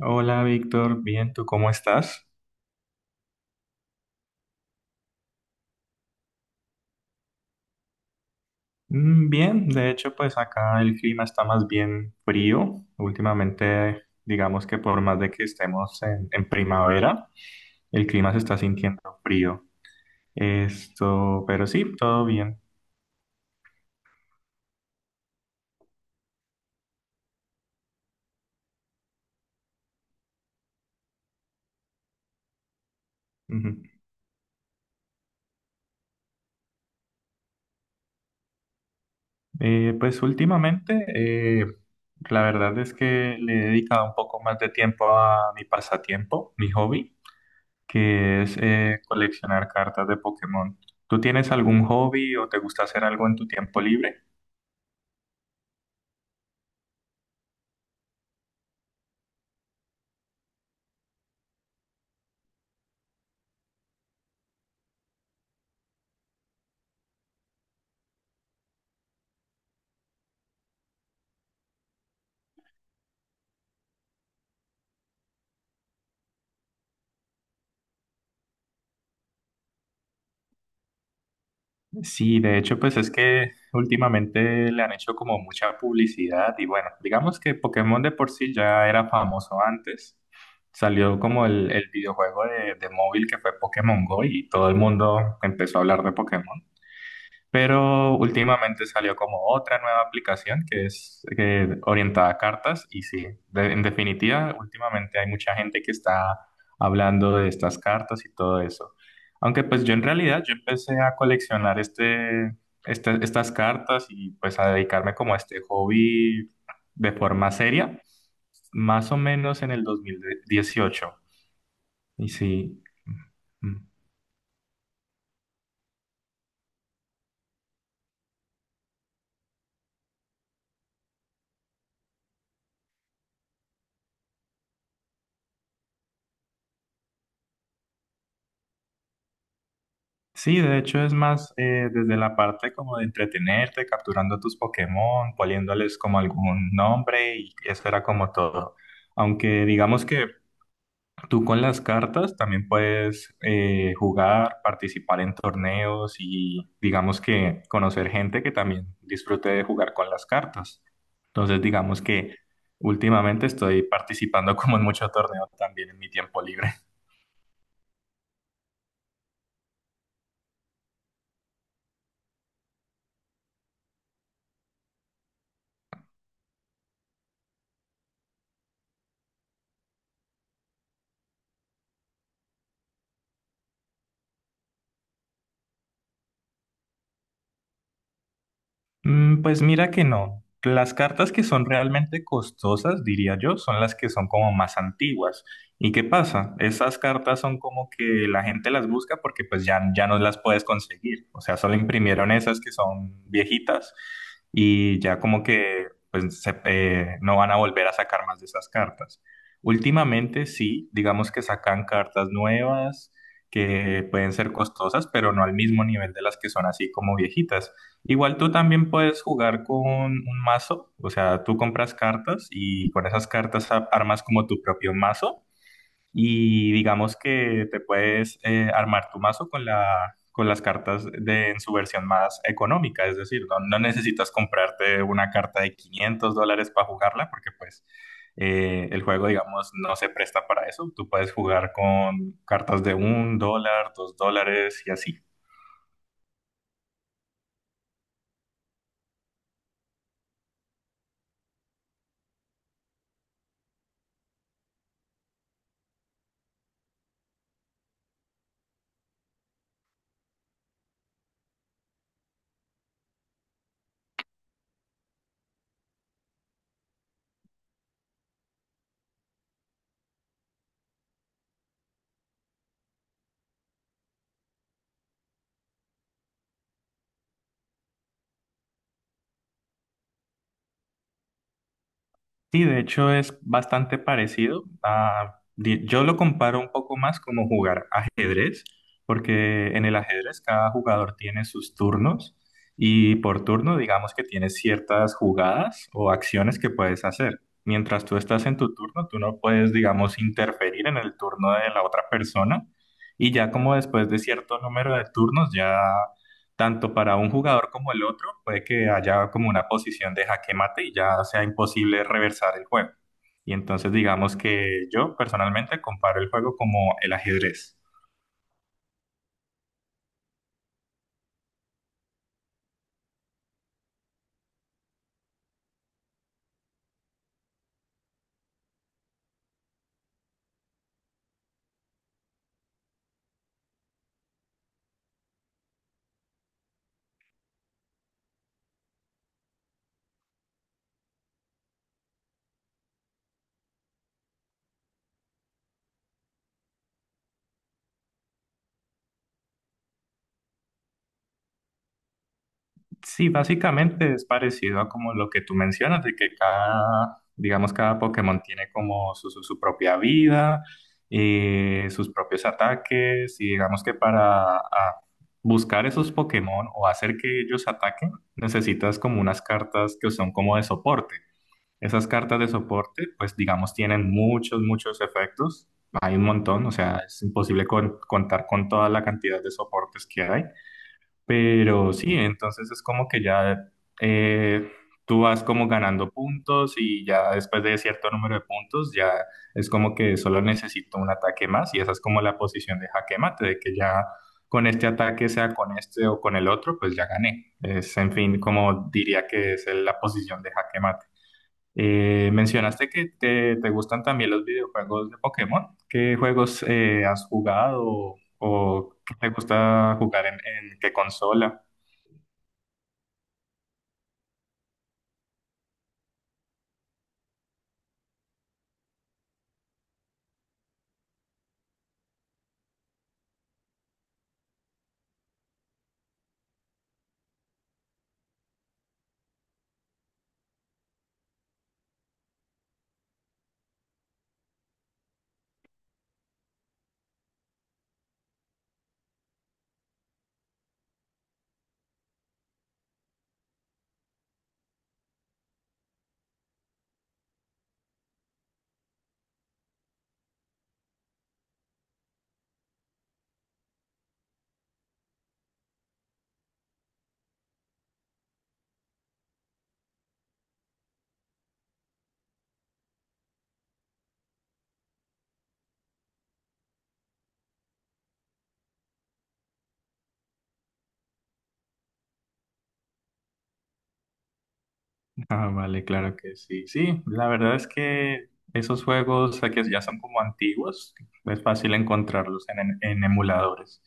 Hola Víctor, bien, ¿tú cómo estás? Bien, de hecho pues acá el clima está más bien frío. Últimamente digamos que por más de que estemos en, primavera, el clima se está sintiendo frío. Esto, pero sí, todo bien. Ujú. Pues últimamente la verdad es que le he dedicado un poco más de tiempo a mi pasatiempo, mi hobby, que es coleccionar cartas de Pokémon. ¿Tú tienes algún hobby o te gusta hacer algo en tu tiempo libre? Sí, de hecho, pues es que últimamente le han hecho como mucha publicidad y bueno, digamos que Pokémon de por sí ya era famoso antes. Salió como el videojuego de móvil que fue Pokémon Go y todo el mundo empezó a hablar de Pokémon. Pero últimamente salió como otra nueva aplicación que es orientada a cartas y sí, en definitiva, últimamente hay mucha gente que está hablando de estas cartas y todo eso. Aunque pues yo en realidad yo empecé a coleccionar estas cartas y pues a dedicarme como a este hobby de forma seria, más o menos en el 2018. Y sí. Mm, mm. Sí, de hecho es más desde la parte como de entretenerte, capturando tus Pokémon, poniéndoles como algún nombre y eso era como todo. Aunque digamos que tú con las cartas también puedes jugar, participar en torneos y digamos que conocer gente que también disfrute de jugar con las cartas. Entonces digamos que últimamente estoy participando como en mucho torneo también en mi tiempo libre. Pues mira que no. Las cartas que son realmente costosas, diría yo, son las que son como más antiguas. ¿Y qué pasa? Esas cartas son como que la gente las busca porque pues ya, ya no las puedes conseguir. O sea, solo imprimieron esas que son viejitas y ya como que pues no van a volver a sacar más de esas cartas. Últimamente sí, digamos que sacan cartas nuevas que pueden ser costosas, pero no al mismo nivel de las que son así como viejitas. Igual tú también puedes jugar con un mazo, o sea, tú compras cartas y con esas cartas armas como tu propio mazo y digamos que te puedes armar tu mazo con con las cartas en su versión más económica, es decir, no, no necesitas comprarte una carta de $500 para jugarla porque pues el juego, digamos, no se presta para eso, tú puedes jugar con cartas de $1, $2 y así. Sí, de hecho es bastante parecido. Yo lo comparo un poco más como jugar ajedrez, porque en el ajedrez cada jugador tiene sus turnos y por turno digamos que tienes ciertas jugadas o acciones que puedes hacer. Mientras tú estás en tu turno, tú no puedes, digamos, interferir en el turno de la otra persona y ya como después de cierto número de turnos, ya tanto para un jugador como el otro, puede que haya como una posición de jaque mate y ya sea imposible reversar el juego. Y entonces digamos que yo personalmente comparo el juego como el ajedrez. Sí, básicamente es parecido a como lo que tú mencionas, de que cada, digamos, cada Pokémon tiene como su propia vida, sus propios ataques, y digamos que para buscar esos Pokémon o hacer que ellos ataquen, necesitas como unas cartas que son como de soporte. Esas cartas de soporte, pues digamos, tienen muchos, muchos efectos. Hay un montón, o sea, es imposible contar con toda la cantidad de soportes que hay. Pero sí, entonces es como que ya eh, tú vas como ganando puntos y ya después de cierto número de puntos, ya es como que solo necesito un ataque más y esa es como la posición de jaque mate, de que ya con este ataque, sea con este o con el otro, pues ya gané. Es, en fin, como diría que es la posición de jaque mate. Mencionaste que te gustan también los videojuegos de Pokémon. ¿Qué juegos has jugado o qué te gusta jugar en, qué consola? Ah, vale, claro que sí. Sí, la verdad es que esos juegos que ya son como antiguos. Es fácil encontrarlos en, en emuladores.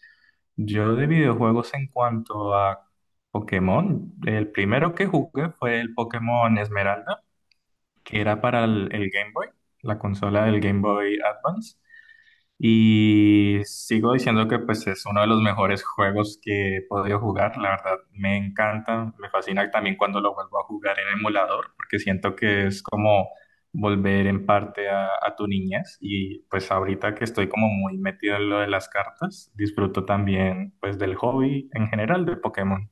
Yo de videojuegos en cuanto a Pokémon, el primero que jugué fue el Pokémon Esmeralda, que era para el Game Boy, la consola del Game Boy Advance. Y sigo diciendo que pues es uno de los mejores juegos que he podido jugar. La verdad me encanta, me fascina también cuando lo vuelvo a jugar en emulador, porque siento que es como volver en parte a, tu niñez. Y pues ahorita que estoy como muy metido en lo de las cartas, disfruto también pues del hobby en general de Pokémon.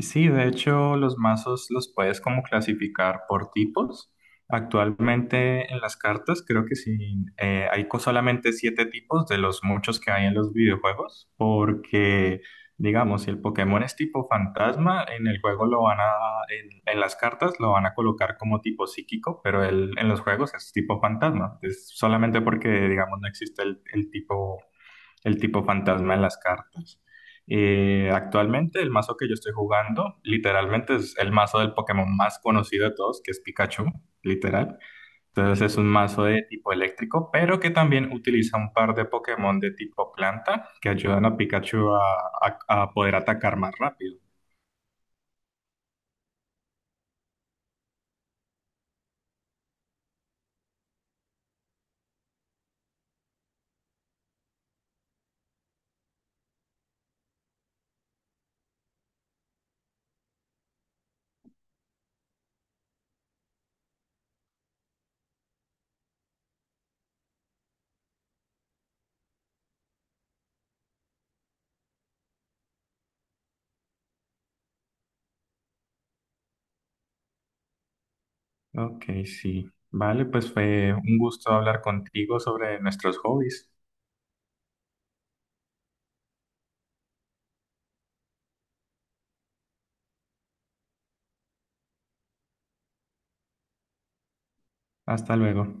Sí, de hecho, los mazos los puedes como clasificar por tipos. Actualmente en las cartas creo que sí, hay solamente siete tipos de los muchos que hay en los videojuegos, porque digamos, si el Pokémon es tipo fantasma, en el juego lo van a, en las cartas lo van a colocar como tipo psíquico, pero en los juegos es tipo fantasma. Es solamente porque, digamos, no existe el tipo fantasma en las cartas. Actualmente el mazo que yo estoy jugando literalmente es el mazo del Pokémon más conocido de todos, que es Pikachu, literal. Entonces es un mazo de tipo eléctrico, pero que también utiliza un par de Pokémon de tipo planta que ayudan a Pikachu a poder atacar más rápido. Ok, sí. Vale, pues fue un gusto hablar contigo sobre nuestros hobbies. Hasta luego.